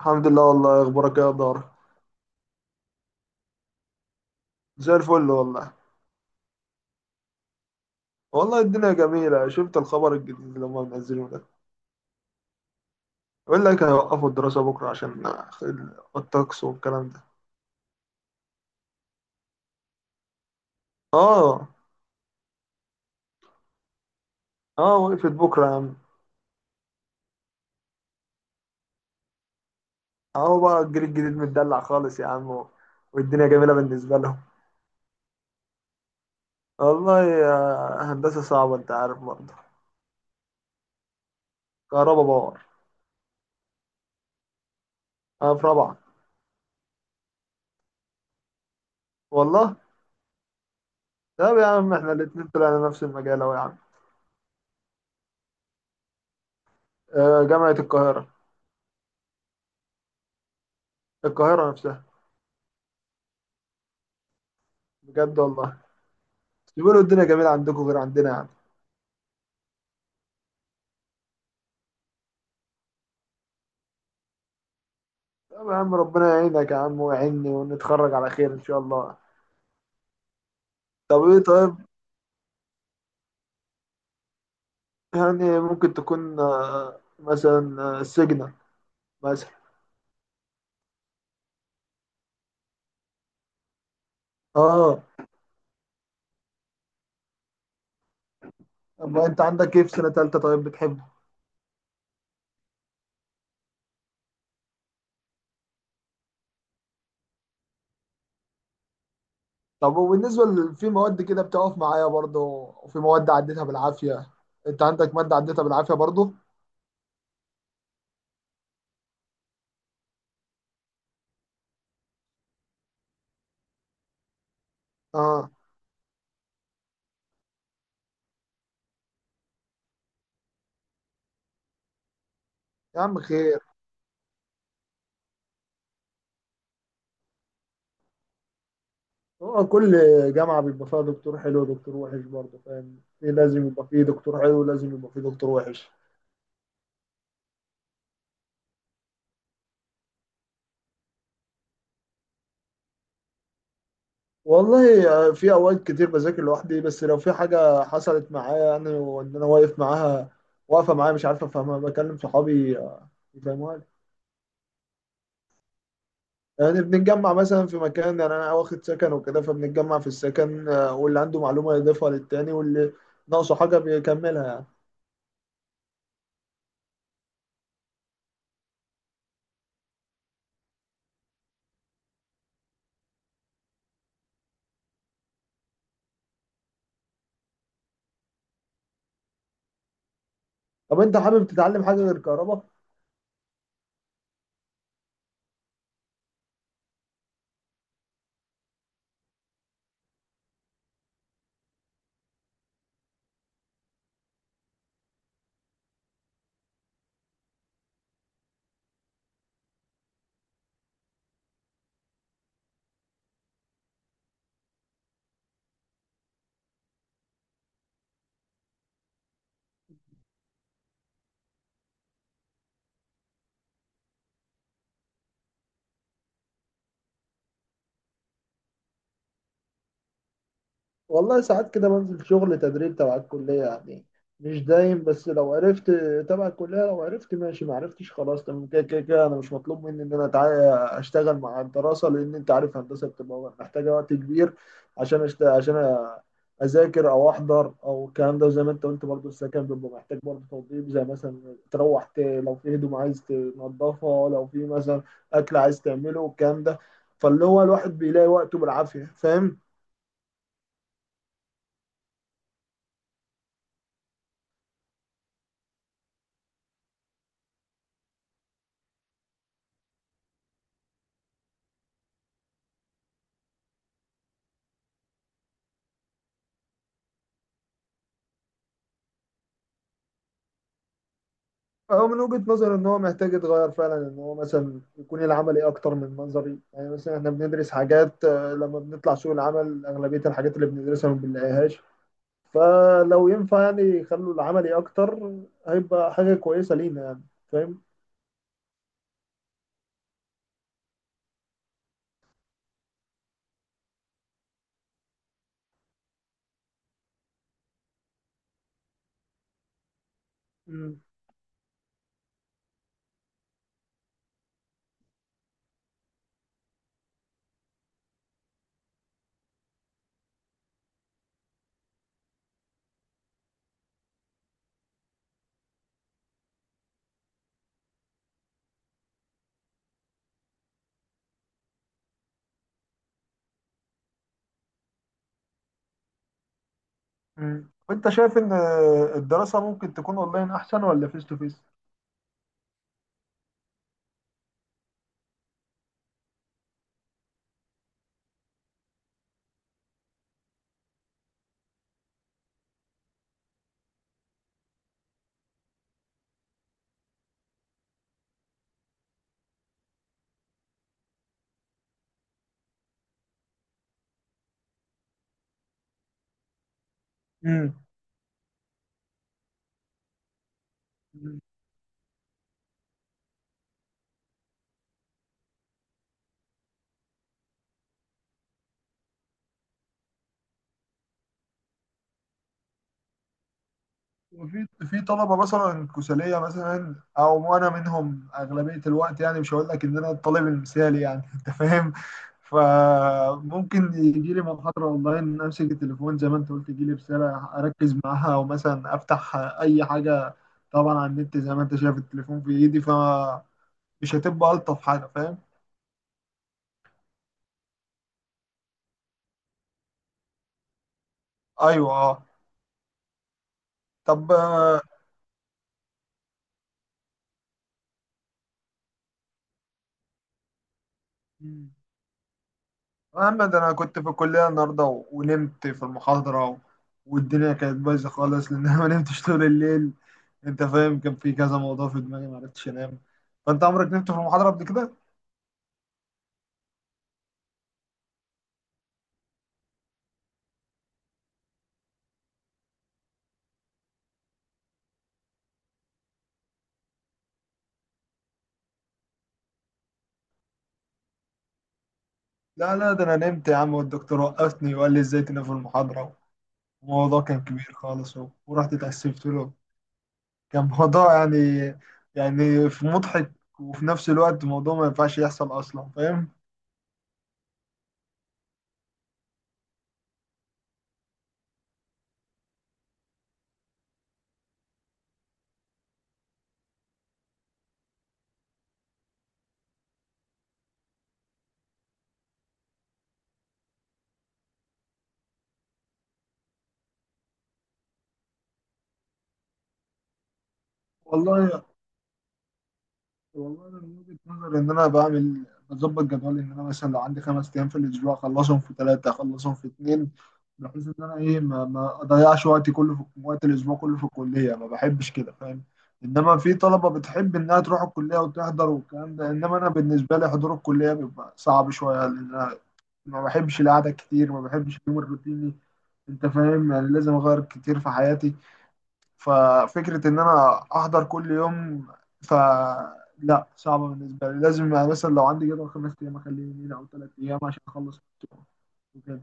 الحمد لله. والله اخبارك إيه يا دار؟ زي الفل والله. والله الدنيا جميلة، شفت الخبر الجديد اللي هم منزلينه ده؟ يقول لك هيوقفوا الدراسة بكرة عشان الطقس والكلام ده. اه اه وقفت بكرة يا عم. اهو بقى الجيل الجديد متدلع خالص يا عم، والدنيا جميلة بالنسبة لهم. والله يا هندسة صعبة، انت عارف برضه. كهربا باور. انا في رابعة. والله طب يا عم احنا الاتنين طلعنا نفس المجال اهو يا عم. جامعة القاهرة. القاهرة نفسها. بجد والله. بيقولوا الدنيا جميلة عندكم غير عندنا يعني. طب يا عم ربنا يعينك يا عم ويعيني ونتخرج على خير إن شاء الله. طب إيه طيب. يعني ممكن تكون مثلا سجنة مثلا. آه. طب أنت عندك إيه في سنة تالتة طيب بتحبه؟ طب وبالنسبة في مواد كده بتقف معايا برضه، وفي مواد عديتها بالعافية. أنت عندك مادة عديتها بالعافية برضه؟ آه. يا عم خير. هو كل جامعة بيبقى فيها دكتور حلو ودكتور وحش، برضه فاهم، في لازم يبقى فيه دكتور حلو ولازم يبقى فيه دكتور وحش. والله في اوقات كتير بذاكر لوحدي، بس لو في حاجه حصلت معايا يعني، وان انا واقف معاها، واقفه معايا مش عارف افهمها، بكلم صحابي يفهموها لي. يعني بنتجمع مثلا في مكان، يعني انا واخد سكن وكده، فبنتجمع في السكن واللي عنده معلومه يضيفها للتاني، واللي ناقصه حاجه بيكملها يعني. طب انت حابب تتعلم حاجه غير كهرباء؟ والله ساعات كده بنزل شغل تدريب تبع الكلية يعني، مش دايم، بس لو عرفت تبع الكلية لو عرفت ماشي، ما عرفتش خلاص تمام، كده أنا مش مطلوب مني إن أنا أشتغل مع الدراسة، لأن أنت عارف هندسة بتبقى محتاجة وقت كبير عشان أذاكر أو أحضر أو الكلام ده. وزي ما أنت قلت برضه السكن بيبقى محتاج برضه توضيب، زي مثلا تروح لو في هدوم عايز تنضفها، لو في مثلا أكل عايز تعمله والكلام ده. فاللي هو الواحد بيلاقي وقته بالعافية، فاهم. هو من وجهة نظري ان هو محتاج يتغير فعلا، ان هو مثلا يكون العملي اكتر من منظري. يعني مثلا احنا بندرس حاجات، لما بنطلع سوق العمل اغلبية الحاجات اللي بندرسها ما بنلاقيهاش. فلو ينفع يعني يخلوا العملي اكتر، هيبقى حاجة كويسة لينا يعني، فاهم. مم. مم. وانت شايف ان الدراسة ممكن تكون اونلاين احسن، ولا فيس تو فيس؟ مم. وفي طلبه مثلا كسليه، مثلا او انا منهم اغلبيه الوقت، يعني مش هقول لك ان انا الطالب المثالي يعني انت فاهم. فممكن يجي لي محاضره اونلاين، امسك التليفون زي ما انت قلت، يجي لي رساله اركز معاها، او مثلا افتح اي حاجه، طبعا على النت، زي ما انت شايف التليفون في ايدي، فمش هتبقى الطف حاجه، فاهم. ايوه اه. طب محمد انا كنت في الكليه النهارده ونمت في المحاضره، والدنيا كانت بايظه خالص لان انا ما نمتش طول الليل. انت فاهم، كان في كذا موضوع في دماغي ما عرفتش انام. فانت عمرك نمت في المحاضره قبل كده؟ لا ده انا نمت يا عم، والدكتور وقفني وقال لي ازاي تنام في المحاضره. الموضوع كان كبير خالص ورحت اتأسفت له. كان موضوع يعني، يعني في مضحك وفي نفس الوقت موضوع ما ينفعش يحصل اصلا، فاهم. والله والله أنا من وجهة نظري إن أنا بعمل بظبط جدولي، إن أنا مثلا لو عندي 5 أيام في الأسبوع أخلصهم في ثلاثة، أخلصهم في اتنين، بحيث إن أنا إيه ما أضيعش وقتي كله في وقت الأسبوع كله في الكلية، ما بحبش كده، فاهم. إنما في طلبة بتحب إنها تروح الكلية وتحضر والكلام ده، إنما أنا بالنسبة لي حضور الكلية بيبقى صعب شوية، لأن أنا ما بحبش القعدة كتير، ما بحبش اليوم الروتيني. أنت فاهم، يعني لازم أغير كتير في حياتي. ففكرة إن أنا أحضر كل يوم، فلا، صعبة بالنسبة لي. لازم يعني مثلا لو عندي جدول 5 أيام أخليه يومين أو ثلاث أيام عشان أخلص وكده.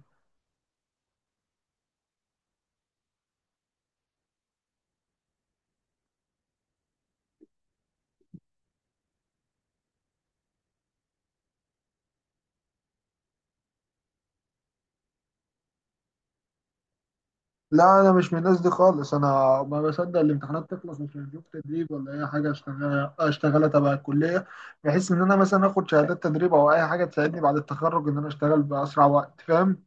لا أنا مش من الناس دي خالص. أنا ما بصدق الامتحانات تخلص عشان أشوف تدريب ولا أي حاجة أشتغلها، أشتغلها تبع الكلية، بحيث إن أنا مثلا آخد شهادات تدريب أو أي حاجة تساعدني بعد التخرج، إن أنا أشتغل بأسرع وقت، فاهم.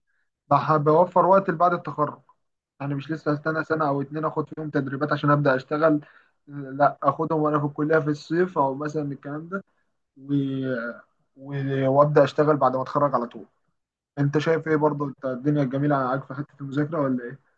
ده بيوفر وقت بعد التخرج، يعني مش لسه هستنى سنة أو اتنين آخد فيهم تدريبات عشان أبدأ أشتغل. لا أخدهم وأنا في الكلية في الصيف أو مثلا الكلام ده، و... و... وأبدأ أشتغل بعد ما أتخرج على طول. أنت شايف إيه برضه أنت الدنيا الجميلة معاك في حتة المذاكرة ولا إيه؟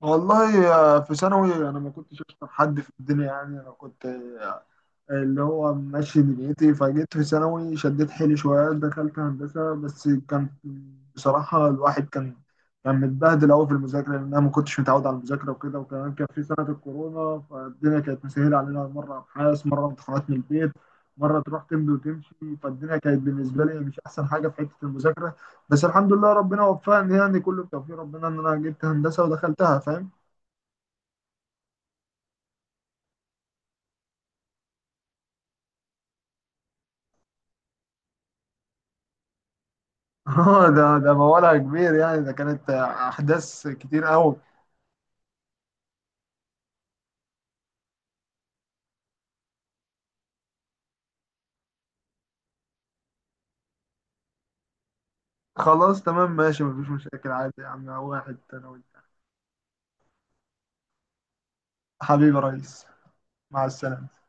والله في ثانوي أنا ما كنتش أشطر حد في الدنيا يعني، أنا كنت اللي هو ماشي دنيتي، فجيت في ثانوي شديت حيلي شوية دخلت هندسة، بس كان بصراحة الواحد كان، كان متبهدل أوي في المذاكرة، لأن أنا ما كنتش متعود على المذاكرة وكده. وكمان كان في سنة الكورونا، فالدنيا كانت مسهلة علينا، مرة أبحاث مرة امتحانات من البيت، مرة تروح تمضي وتمشي. فالدنيا كانت بالنسبة لي مش أحسن حاجة في حتة المذاكرة، بس الحمد لله ربنا وفقني يعني، كله بتوفيق ربنا إن أنا جبت هندسة ودخلتها، فاهم؟ اه ده موالها كبير يعني، ده كانت أحداث كتير أوي. خلاص تمام ماشي مفيش مشاكل عادي يا عم، واحد انا وانت. حبيبي يا ريس. مع السلامة.